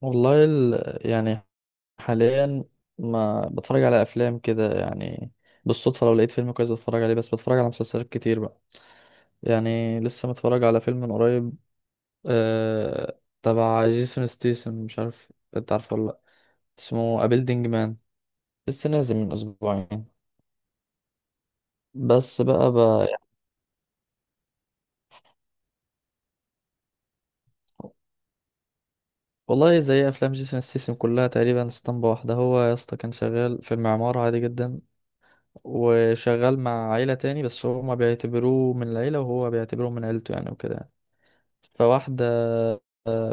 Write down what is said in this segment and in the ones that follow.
والله يعني حاليا ما بتفرج على افلام كده يعني. بالصدفه لو لقيت فيلم كويس بتفرج عليه، بس بتفرج على مسلسلات كتير بقى. يعني لسه متفرج على فيلم من قريب، تبع جيسون ستيسن، مش عارف انت عارفه ولا لا. اسمه أبيلدينج مان، لسه نازل من اسبوعين. بس بقى يعني، والله زي افلام جيسون ستيسن كلها تقريبا اسطمبة واحدة. هو يا اسطى كان شغال في المعمار عادي جدا، وشغال مع عيلة تاني بس هما بيعتبروه من العيلة وهو بيعتبره من عيلته يعني وكده يعني. فواحدة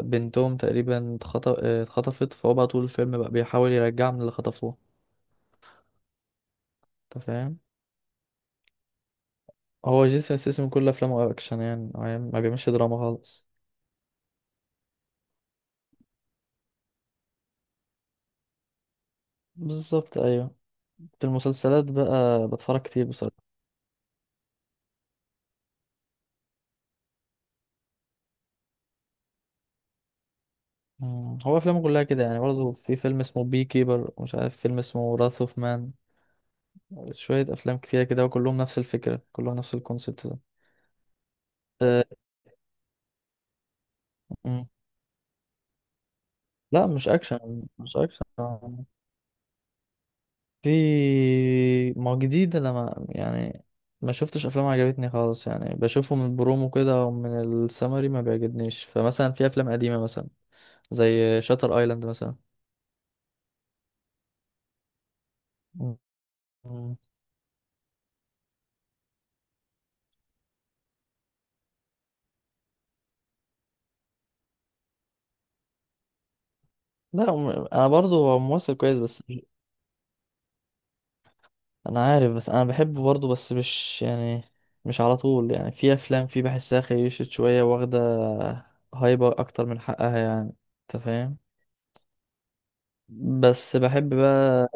بنتهم تقريبا اتخطفت، فهو بقى طول الفيلم بقى بيحاول يرجعها من اللي خطفوه. انت فاهم؟ هو جيسون ستاثام كل افلامه اكشن يعني، يعني ما بيعملش دراما خالص. بالظبط ايوه. في المسلسلات بقى بتفرج كتير بصراحة. مم. هو افلامه كلها كده يعني، برضه في فيلم اسمه بي كيبر ومش عارف فيلم اسمه وراث اوف مان. شوية افلام كتيرة كده وكلهم نفس الفكرة، كلهم نفس الكونسيبت ده. أه، لا مش اكشن مش اكشن. في، ما هو جديد انا ما يعني، ما شفتش افلام عجبتني خالص يعني. بشوفه من البرومو كده او من السمري ما بيعجبنيش. فمثلا في افلام قديمه مثلا زي شاتر ايلاند مثلا. م- م. لا انا برضو هو ممثل كويس بس مش- انا عارف، بس انا بحبه برضو بس مش يعني، مش على طول يعني. في افلام في بحسها خيشت شويه، واخده هايبر اكتر من حقها يعني. انت فاهم؟ بس بحب بقى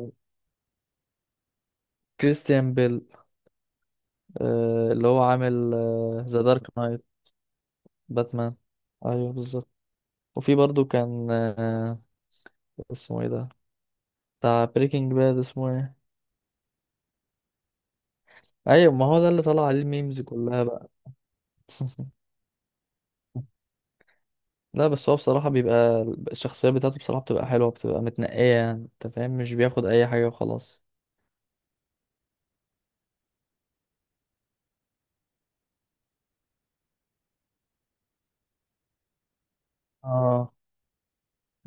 كريستيان بيل. اللي هو عامل ذا دارك نايت. باتمان، ايوه بالظبط. وفي برضو كان اسمه ايه ده، بتاع بريكنج باد اسمه ايه. ايوه ما هو ده اللي طلع عليه الميمز كلها بقى. لا بس هو بصراحة بيبقى، الشخصية بتاعته بصراحة بتبقى حلوة، بتبقى متنقية يعني، انت فاهم؟ مش بياخد اي حاجة وخلاص. اه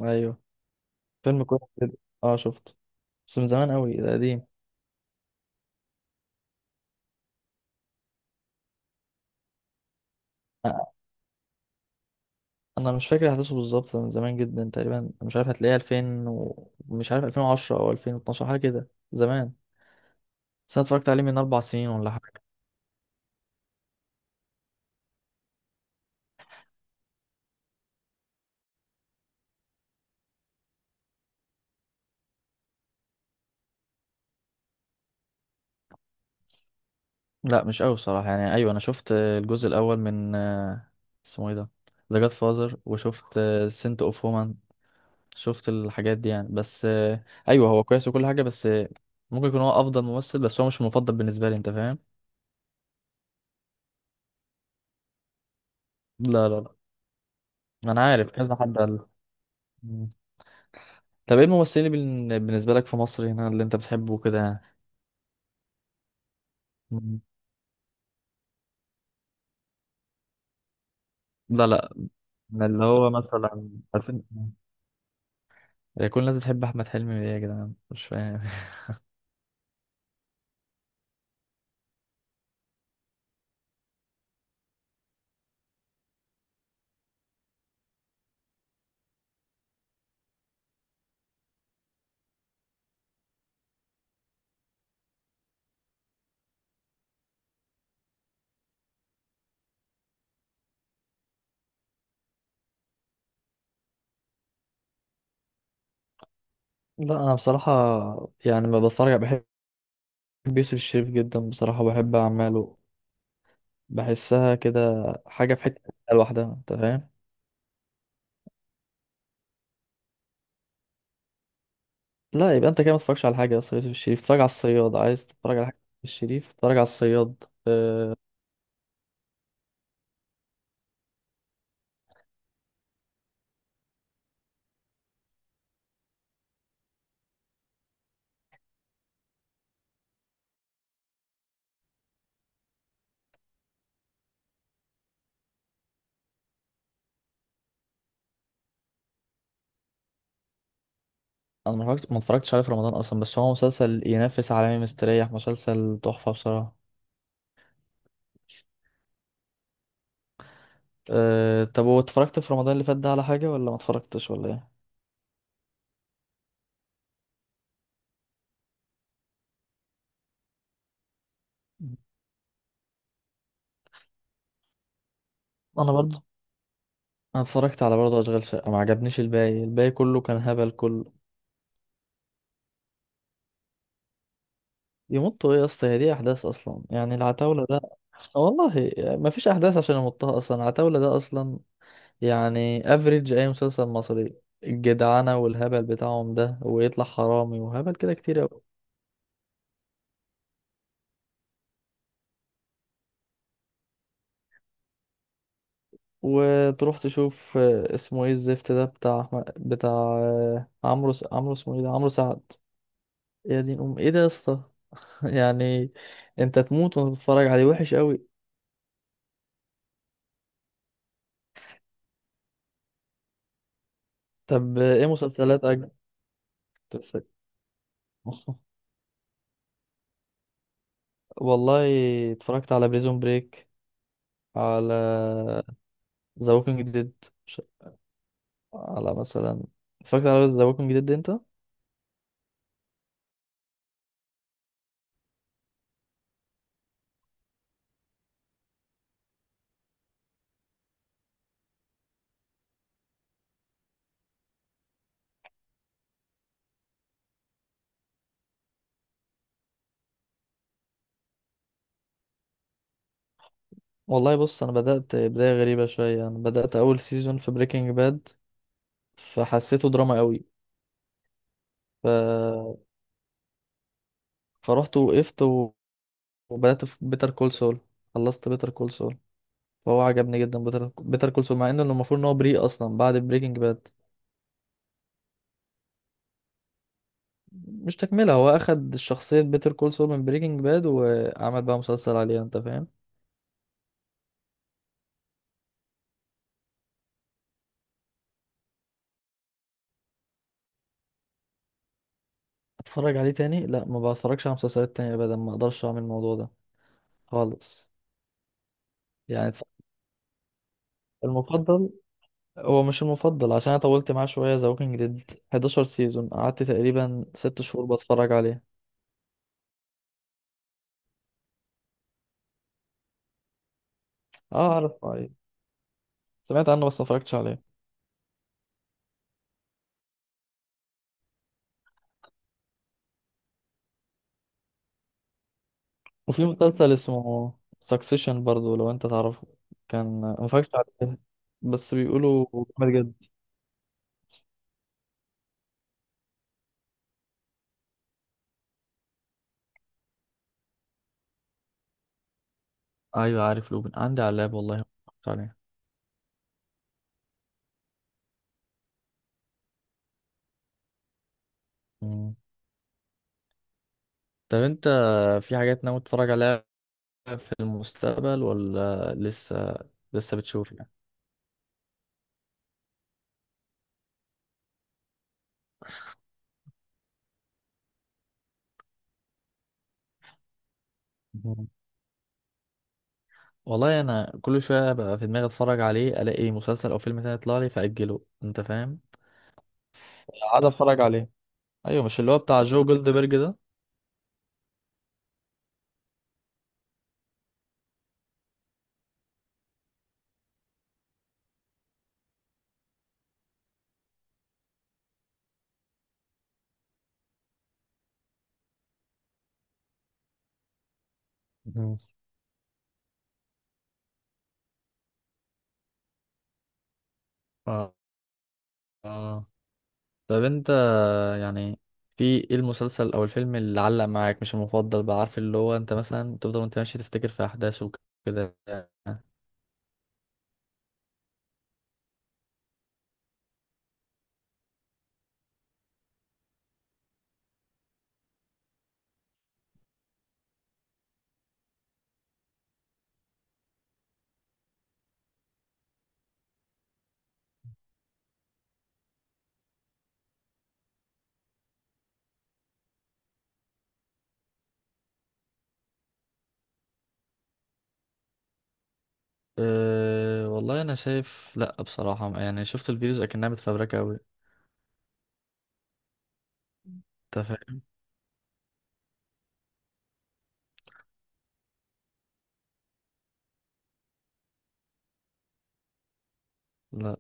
ايوه، فيلم كويس جدا. اه شفته بس من زمان قوي، ده قديم. انا مش فاكر احداثه بالظبط، من زمان جدا تقريبا. مش عارف هتلاقيه 2000 ومش عارف 2010 او 2012 حاجه كده زمان. بس انا اتفرجت عليه من 4 سنين ولا حاجه. لا مش قوي صراحه يعني. ايوه انا شفت الجزء الاول من اسمه ايه ده، ذا جاد فازر. وشفت سنت اوف وومن. شفت الحاجات دي يعني بس ايوه هو كويس وكل حاجه، بس ممكن يكون هو افضل ممثل، بس هو مش المفضل بالنسبه لي. انت فاهم؟ لا لا لا. انا عارف كذا حد قال. مم. طب ايه الممثلين اللي بالنسبه لك في مصر هنا اللي انت بتحبه كده يعني. لا لا. من اللي هو مثلا، عارفين، هي كل الناس بتحب احمد حلمي ليه يا جدعان مش فاهم. لا انا بصراحه يعني ما بتفرج، بحب يوسف الشريف جدا بصراحه، بحب اعماله. بحسها كده حاجه في حته لوحدها، انت فاهم؟ لا يبقى انت كده ما تتفرجش على حاجه اصلا. يوسف الشريف اتفرج على الصياد، عايز تتفرج على حاجه يوسف الشريف اتفرج على الصياد. انا ما اتفرجتش عليه في رمضان اصلا، بس هو مسلسل ينافس عالمي مستريح، مسلسل تحفه بصراحه. أه طب واتفرجت في رمضان اللي فات ده على حاجه ولا ما اتفرجتش ولا ايه؟ انا برضه، انا اتفرجت على برضه اشغال شقه. ما عجبنيش الباقي كله كان هبل كله. يمطوا ايه يا اسطى؟ هي دي احداث اصلا يعني العتاوله ده؟ والله ما فيش احداث عشان يمطها اصلا العتاوله ده اصلا يعني. افريج اي مسلسل مصري، الجدعنه والهبل بتاعهم ده ويطلع حرامي وهبل كده كتير أوي. وتروح تشوف اسمه ايه الزفت ده بتاع عمرو، اسمه ايه ده، عمرو سعد. يا دين ام ايه ده يا اسطى. يعني انت تموت وانت بتتفرج عليه، وحش قوي. طب ايه مسلسلات اجنبي بتسلك؟ والله اتفرجت على بريزون بريك، على ذا ووكينج ديد، على مثلا، اتفرجت على ذا ووكينج ديد انت؟ والله بص، انا بدأت بداية غريبة شوية. انا بدأت اول سيزون في بريكنج باد، فحسيته دراما قوي. ف... فرحت وقفت وبدأت في بيتر كول سول. خلصت بيتر كول سول، فهو عجبني جدا. بيتر كول سول مع انه المفروض ان هو بريء اصلا بعد بريكنج باد. مش تكملة، هو أخد شخصية بيتر كول سول من بريكنج باد وعمل بقى مسلسل عليها. أنت فاهم؟ أتفرج عليه تاني؟ لا ما بتفرجش على مسلسلات تانية أبدا، ما أقدرش أعمل الموضوع ده خالص. يعني المفضل، هو مش المفضل عشان أنا طولت معاه شوية، ذا ووكينج ديد 11 سيزون قعدت تقريبا 6 شهور بتفرج عليه. أه أعرف أيوة. سمعت عنه بس ما اتفرجتش عليه. وفي مسلسل اسمه سكسيشن برضو، لو أنت تعرفه. كان ما اتفرجتش عليه بس بيقولوا جامد. ايوه عارف لوبن، عندي على اللاب، والله ما اتفرجت عليه. مم. طب انت، في حاجات ناوي تتفرج عليها في المستقبل، ولا لسه بتشوف يعني؟ مم. والله انا كل شويه بقى في دماغي اتفرج عليه، الاقي مسلسل او فيلم تاني يطلع لي فاجله. انت فاهم؟ قاعد اتفرج عليه. ايوه مش اللي هو بتاع جو جولدبرج ده؟ مم. اه. آه. طب انت يعني، في ايه المسلسل او الفيلم اللي علق معاك، مش المفضل بقى، عارف اللي هو انت مثلا تفضل وانت ماشي تفتكر في احداثه وكده. أه والله انا شايف لا بصراحه يعني، شفت الفيديوز اكنها متفبركه قوي. انت فاهم؟ لا